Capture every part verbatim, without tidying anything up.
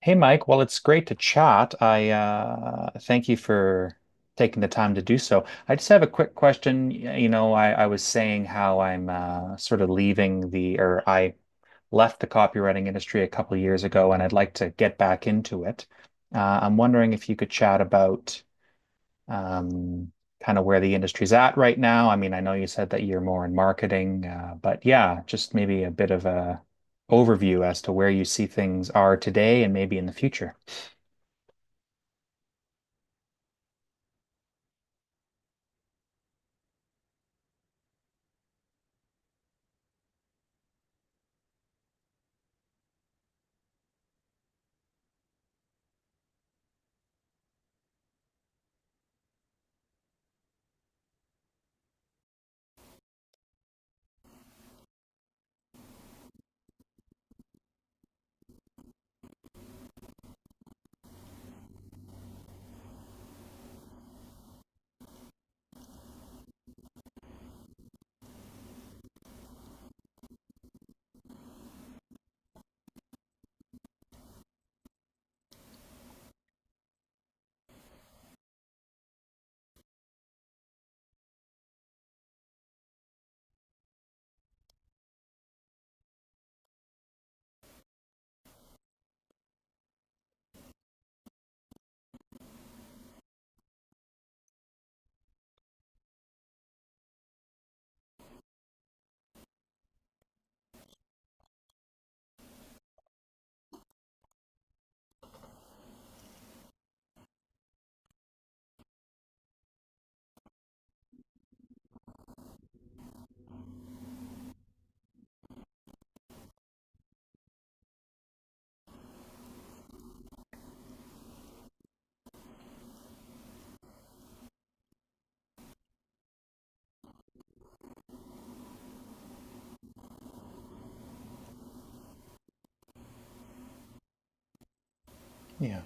Hey Mike, well it's great to chat. I uh, thank you for taking the time to do so. I just have a quick question. Y- You know, I, I was saying how I'm uh, sort of leaving the or I left the copywriting industry a couple years ago, and I'd like to get back into it. Uh, I'm wondering if you could chat about um, kind of where the industry's at right now. I mean, I know you said that you're more in marketing, uh, but yeah, just maybe a bit of a overview as to where you see things are today and maybe in the future. Yeah.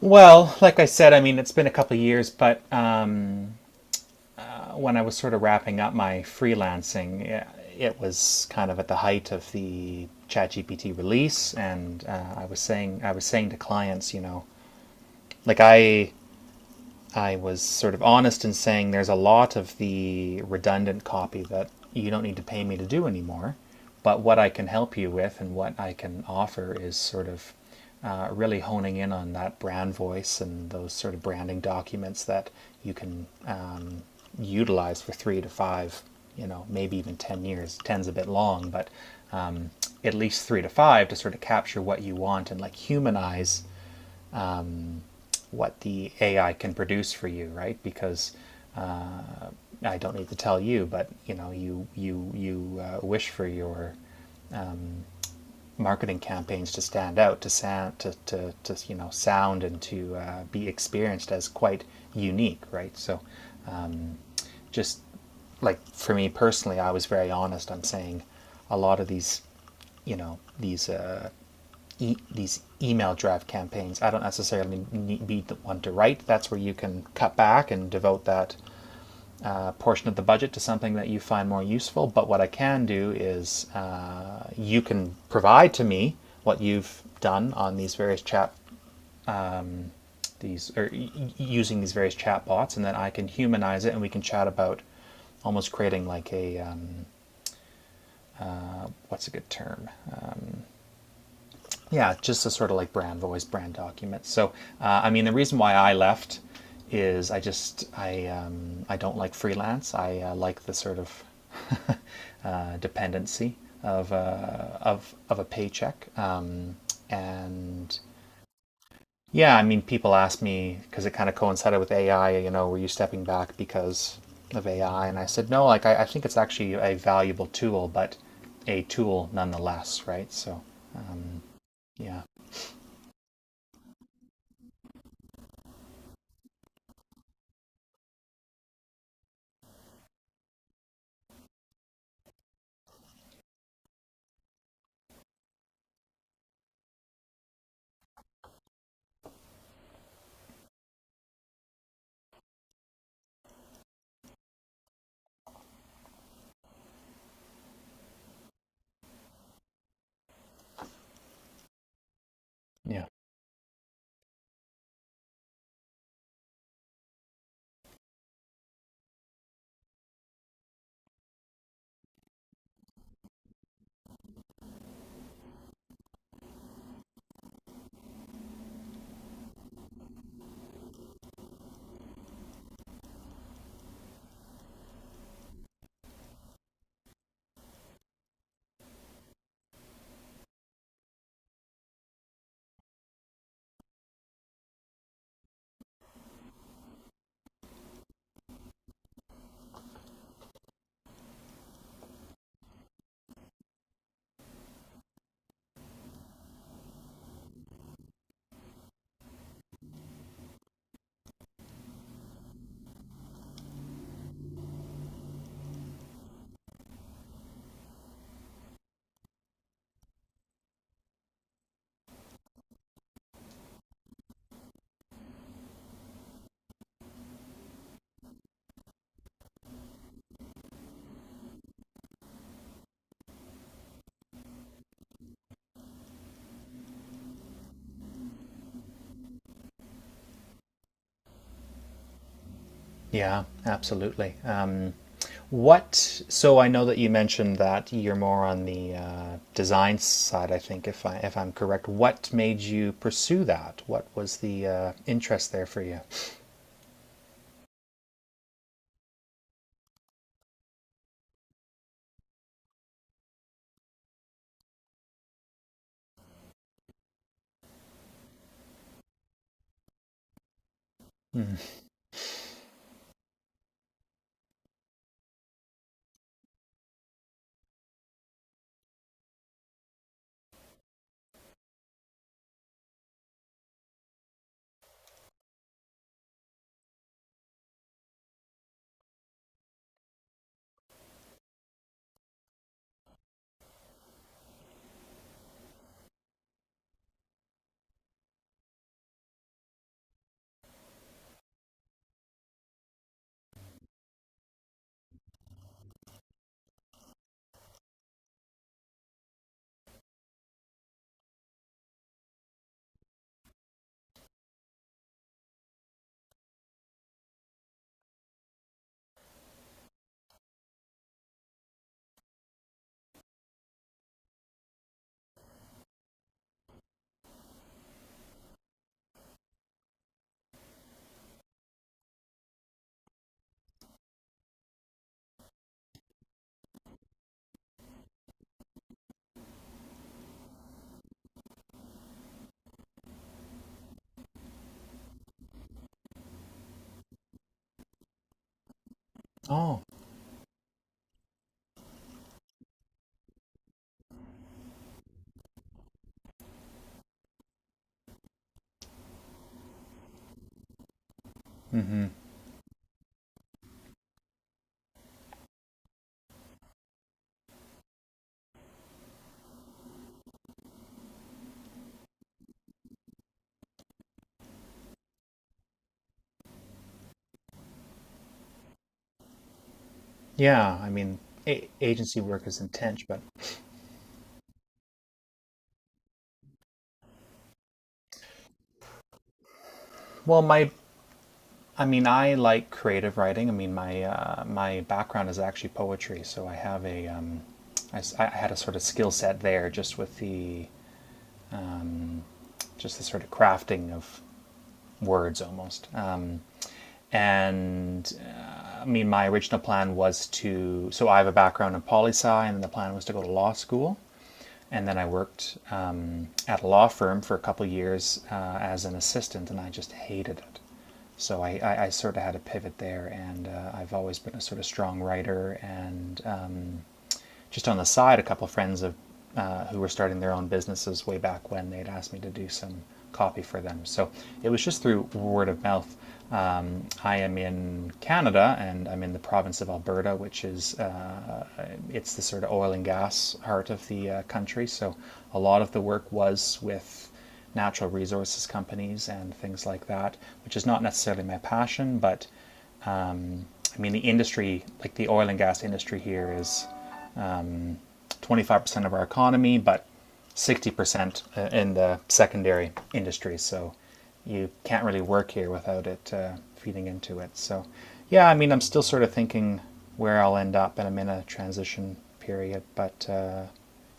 Well, like I said, I mean, it's been a couple of years, but um, uh, when I was sort of wrapping up my freelancing, yeah, it was kind of at the height of the ChatGPT release, and uh, I was saying, I was saying to clients, you know, like I I was sort of honest in saying there's a lot of the redundant copy that you don't need to pay me to do anymore. But what I can help you with and what I can offer is sort of uh, really honing in on that brand voice and those sort of branding documents that you can um, utilize for three to five, you know, maybe even ten years. Ten's a bit long, but um, at least three to five to sort of capture what you want and like humanize what the A I can produce for you, right? Because I don't need to tell you, but you know, you you you uh, wish for your marketing campaigns to stand out, to sound, to to, to you know, sound and to uh, be experienced as quite unique, right? So, just like for me personally, I was very honest. I'm saying a lot of these, you know, these uh, e- these email draft campaigns. I don't necessarily need, be the one to write. That's where you can cut back and devote that portion of the budget to something that you find more useful. But what I can do is uh, you can provide to me what you've done on these various chat these or using these various chat bots, and then I can humanize it and we can chat about almost creating like a um, what's a good term. Yeah, just a sort of like brand voice, brand document. So, uh, I mean, the reason why I left is I just I um, I don't like freelance. I uh, like the sort of uh, dependency of uh, of of a paycheck. Um, and yeah, I mean, people ask me because it kind of coincided with A I. You know, were you stepping back because of A I? And I said no. Like, I, I think it's actually a valuable tool, but a tool nonetheless, right? So, um, yeah, yeah. Yeah, absolutely. Um, what? So I know that you mentioned that you're more on the uh, design side. I think, if I if I'm correct, what made you pursue that? What was the uh, interest there for you? Mm. Oh, hmm. Yeah. I mean, a- agency work is intense, but well, my. I mean, I like creative writing. I mean, my uh, my background is actually poetry, so I have a um, I, s- I had a sort of skill set there, just with the just the sort of crafting of words almost. Um, and I mean, my original plan was to. So I have a background in poli sci, and the plan was to go to law school. And then I worked um, at a law firm for a couple of years uh, as an assistant, and I just hated it. So I, I, I sort of had a pivot there, and uh, I've always been a sort of strong writer and um, just on the side, a couple of friends of uh, who were starting their own businesses way back when they'd asked me to do some copy for them. So it was just through word of mouth. Um, I am in Canada and I'm in the province of Alberta, which is uh, it's the sort of oil and gas heart of the uh, country. So a lot of the work was with natural resources companies and things like that, which is not necessarily my passion, but I mean the industry, like the oil and gas industry here, is twenty-five percent of our economy, but sixty percent in the secondary industry. So you can't really work here without it uh, feeding into it. So, yeah, I mean, I'm still sort of thinking where I'll end up, and I'm in a transition period. But uh,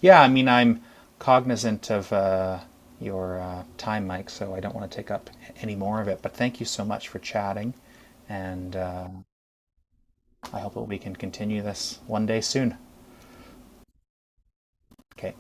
yeah, I mean, I'm cognizant of uh, your uh, time, Mike, so I don't want to take up any more of it. But thank you so much for chatting, and uh, I hope that we can continue this one day soon. Okay.